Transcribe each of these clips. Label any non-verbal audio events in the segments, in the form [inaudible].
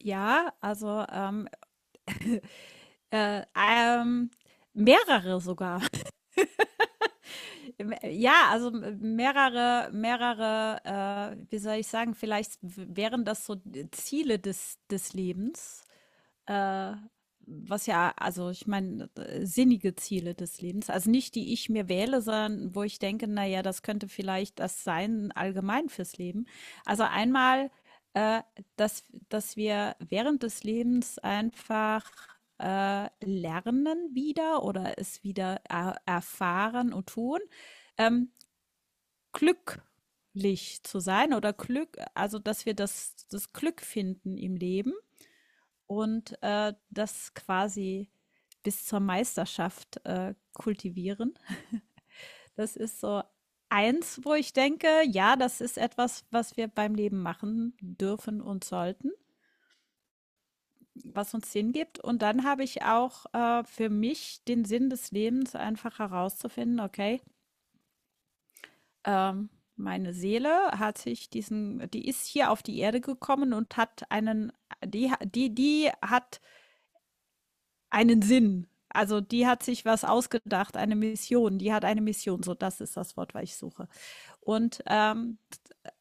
Ja, also, ähm, [laughs] äh, ähm, mehrere sogar. [laughs] Mehrere mehrere, wie soll ich sagen, vielleicht w wären das so Ziele des Lebens, äh, was ja, also ich meine, sinnige Ziele des Lebens. Also nicht die ich mir wähle, sondern wo ich denke, naja, das könnte vielleicht das sein, allgemein fürs Leben. Also einmal, äh, dass wir während des Lebens einfach lernen wieder oder es wieder er erfahren und tun. Ähm, glücklich zu sein oder Glück, also dass wir das Glück finden im Leben und das quasi bis zur Meisterschaft kultivieren. Das ist so eins, wo ich denke, ja, das ist etwas, was wir beim Leben machen dürfen und sollten, was uns Sinn gibt. Und dann habe ich auch für mich den Sinn des Lebens einfach herauszufinden. Okay, ähm, meine Seele hat sich diesen, die ist hier auf die Erde gekommen und hat einen, die hat einen Sinn. Also die hat sich was ausgedacht, eine Mission. Die hat eine Mission, so das ist das Wort, was ich suche. Und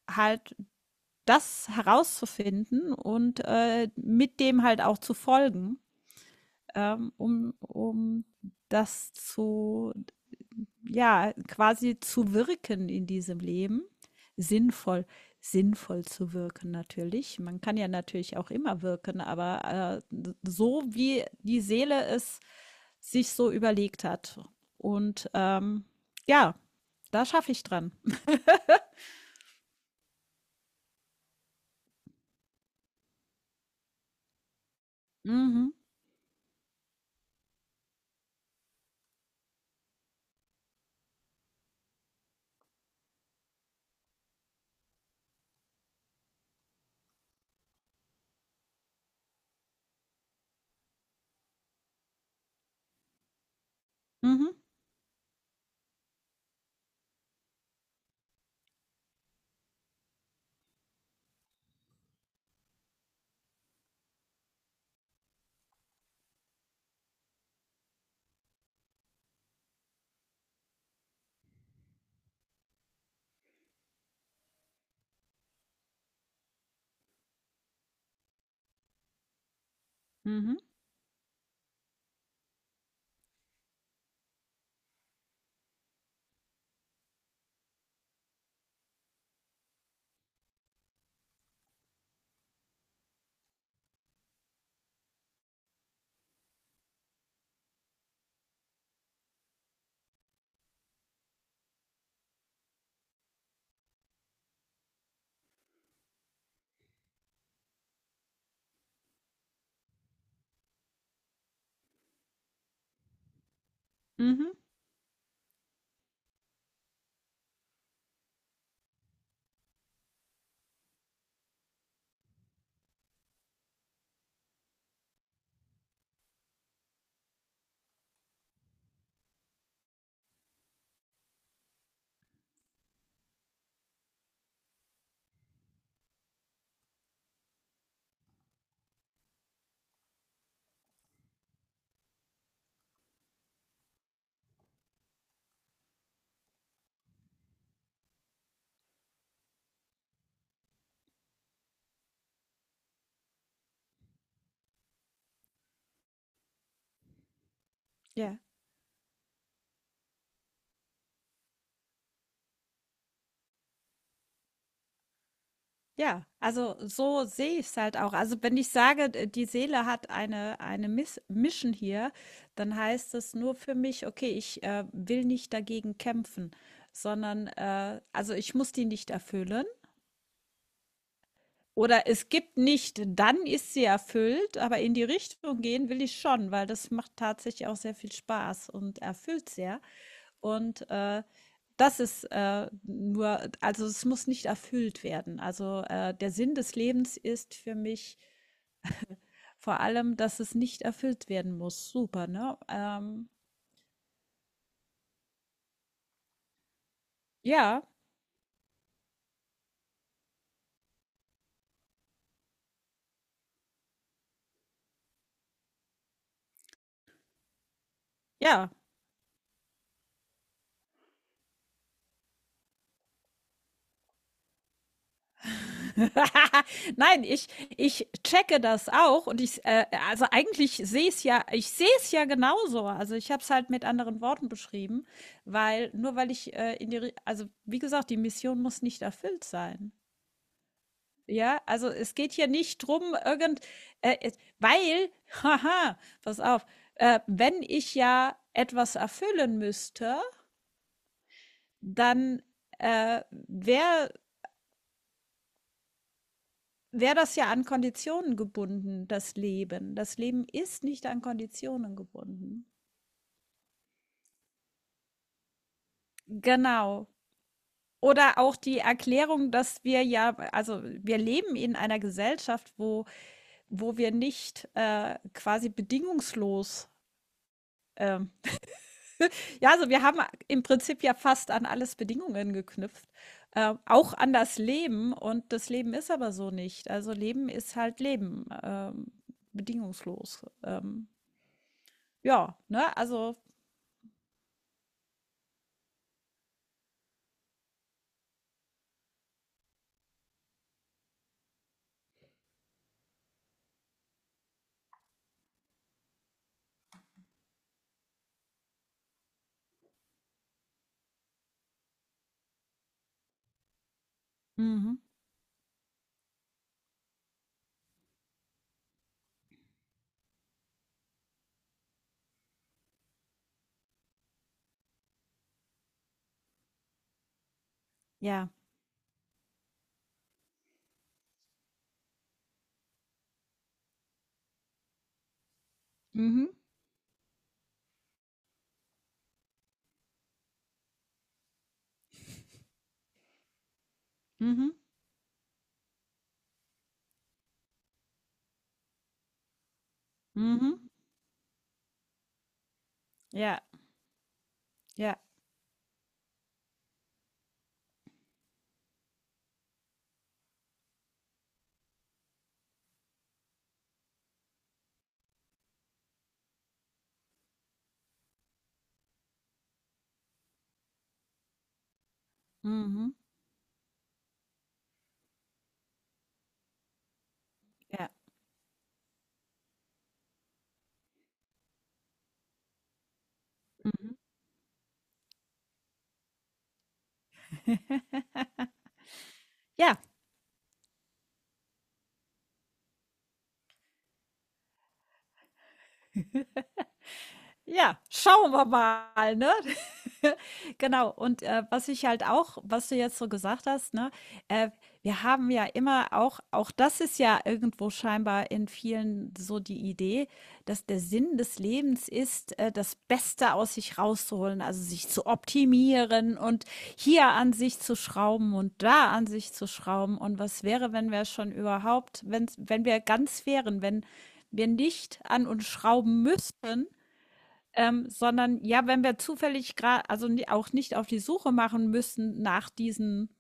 halt das herauszufinden und mit dem halt auch zu folgen, um das zu, ja, quasi zu wirken in diesem Leben. Sinnvoll, sinnvoll zu wirken natürlich. Man kann ja natürlich auch immer wirken, aber so wie die Seele es sich so überlegt hat. Und ja, da schaffe ich dran. Mhm, mhm, mhm, mhm, ja. Ja, also so sehe ich es halt auch. Also wenn ich sage, die Seele hat eine Mission hier, dann heißt es nur für mich, okay, ich will nicht dagegen kämpfen, sondern also ich muss die nicht erfüllen. Oder es gibt nicht, dann ist sie erfüllt, aber in die Richtung gehen will ich schon, weil das macht tatsächlich auch sehr viel Spaß und erfüllt sehr. Und das ist nur, also es muss nicht erfüllt werden. Also der Sinn des Lebens ist für mich vor allem, dass es nicht erfüllt werden muss. Super, ne? Ja, ja. [laughs] Nein, ich checke das auch und ich, also eigentlich sehe es ja, ich sehe es ja genauso. Also ich habe es halt mit anderen Worten beschrieben, weil nur weil ich also wie gesagt, die Mission muss nicht erfüllt sein. Ja, also es geht hier nicht drum, weil, [laughs] haha, pass auf, wenn ich ja etwas erfüllen müsste, dann äh, wäre wäre das ja an Konditionen gebunden, das Leben. Das Leben ist nicht an Konditionen gebunden. Genau. Oder auch die Erklärung, dass wir ja, also wir leben in einer Gesellschaft, wo, wo wir nicht quasi bedingungslos, ähm, ja, also wir haben im Prinzip ja fast an alles Bedingungen geknüpft, auch an das Leben. Und das Leben ist aber so nicht. Also Leben ist halt Leben, bedingungslos. Ja, ne, also mhm. Ja. Mhm. Mhm. Mhm. Ja. Ja. Mhm. Ja. Mhm. [laughs] Ja. Ja, schauen wir mal, ne? [laughs] Genau. Und, was ich halt auch was du jetzt so gesagt hast, ne, äh, wir haben ja immer auch auch das ist ja irgendwo scheinbar in vielen so die Idee, dass der Sinn des Lebens ist, das Beste aus sich rauszuholen, also sich zu optimieren und hier an sich zu schrauben und da an sich zu schrauben. Und was wäre, wenn wir schon überhaupt wenn wir ganz wären, wenn wir nicht an uns schrauben müssten, sondern ja, wenn wir zufällig gerade, auch nicht auf die Suche machen müssen nach diesen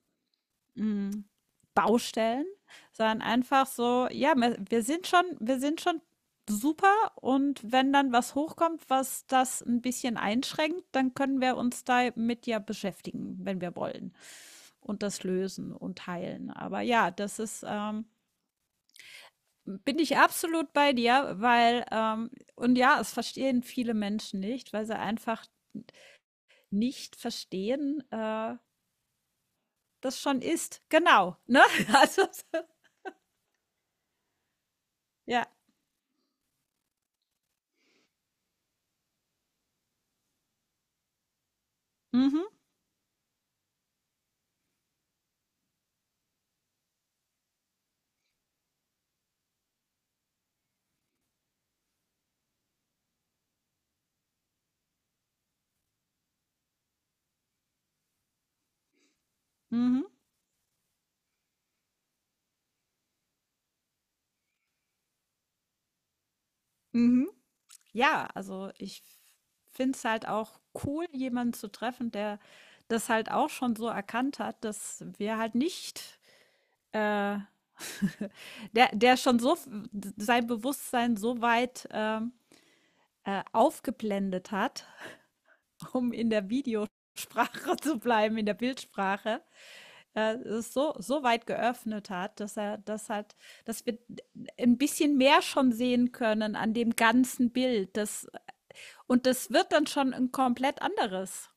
mm, Baustellen, sondern einfach so, ja, wir sind schon super und wenn dann was hochkommt, was das ein bisschen einschränkt, dann können wir uns damit ja beschäftigen, wenn wir wollen und das lösen und heilen. Aber ja, das ist, bin ich absolut bei dir, weil, und ja, es verstehen viele Menschen nicht, weil sie einfach nicht verstehen, das schon ist. Genau, ne? [laughs] Also, so, ja. Mhm, mhm, mhm. Ja, also ich finde es halt auch cool, jemanden zu treffen, der das halt auch schon so erkannt hat, dass wir halt nicht, äh, [laughs] der schon so sein Bewusstsein so weit aufgeblendet hat, um in der Videosprache [laughs] zu bleiben, in der Bildsprache, es so, so weit geöffnet hat, dass er das hat, dass wir ein bisschen mehr schon sehen können an dem ganzen Bild. Das, und das wird dann schon ein komplett anderes.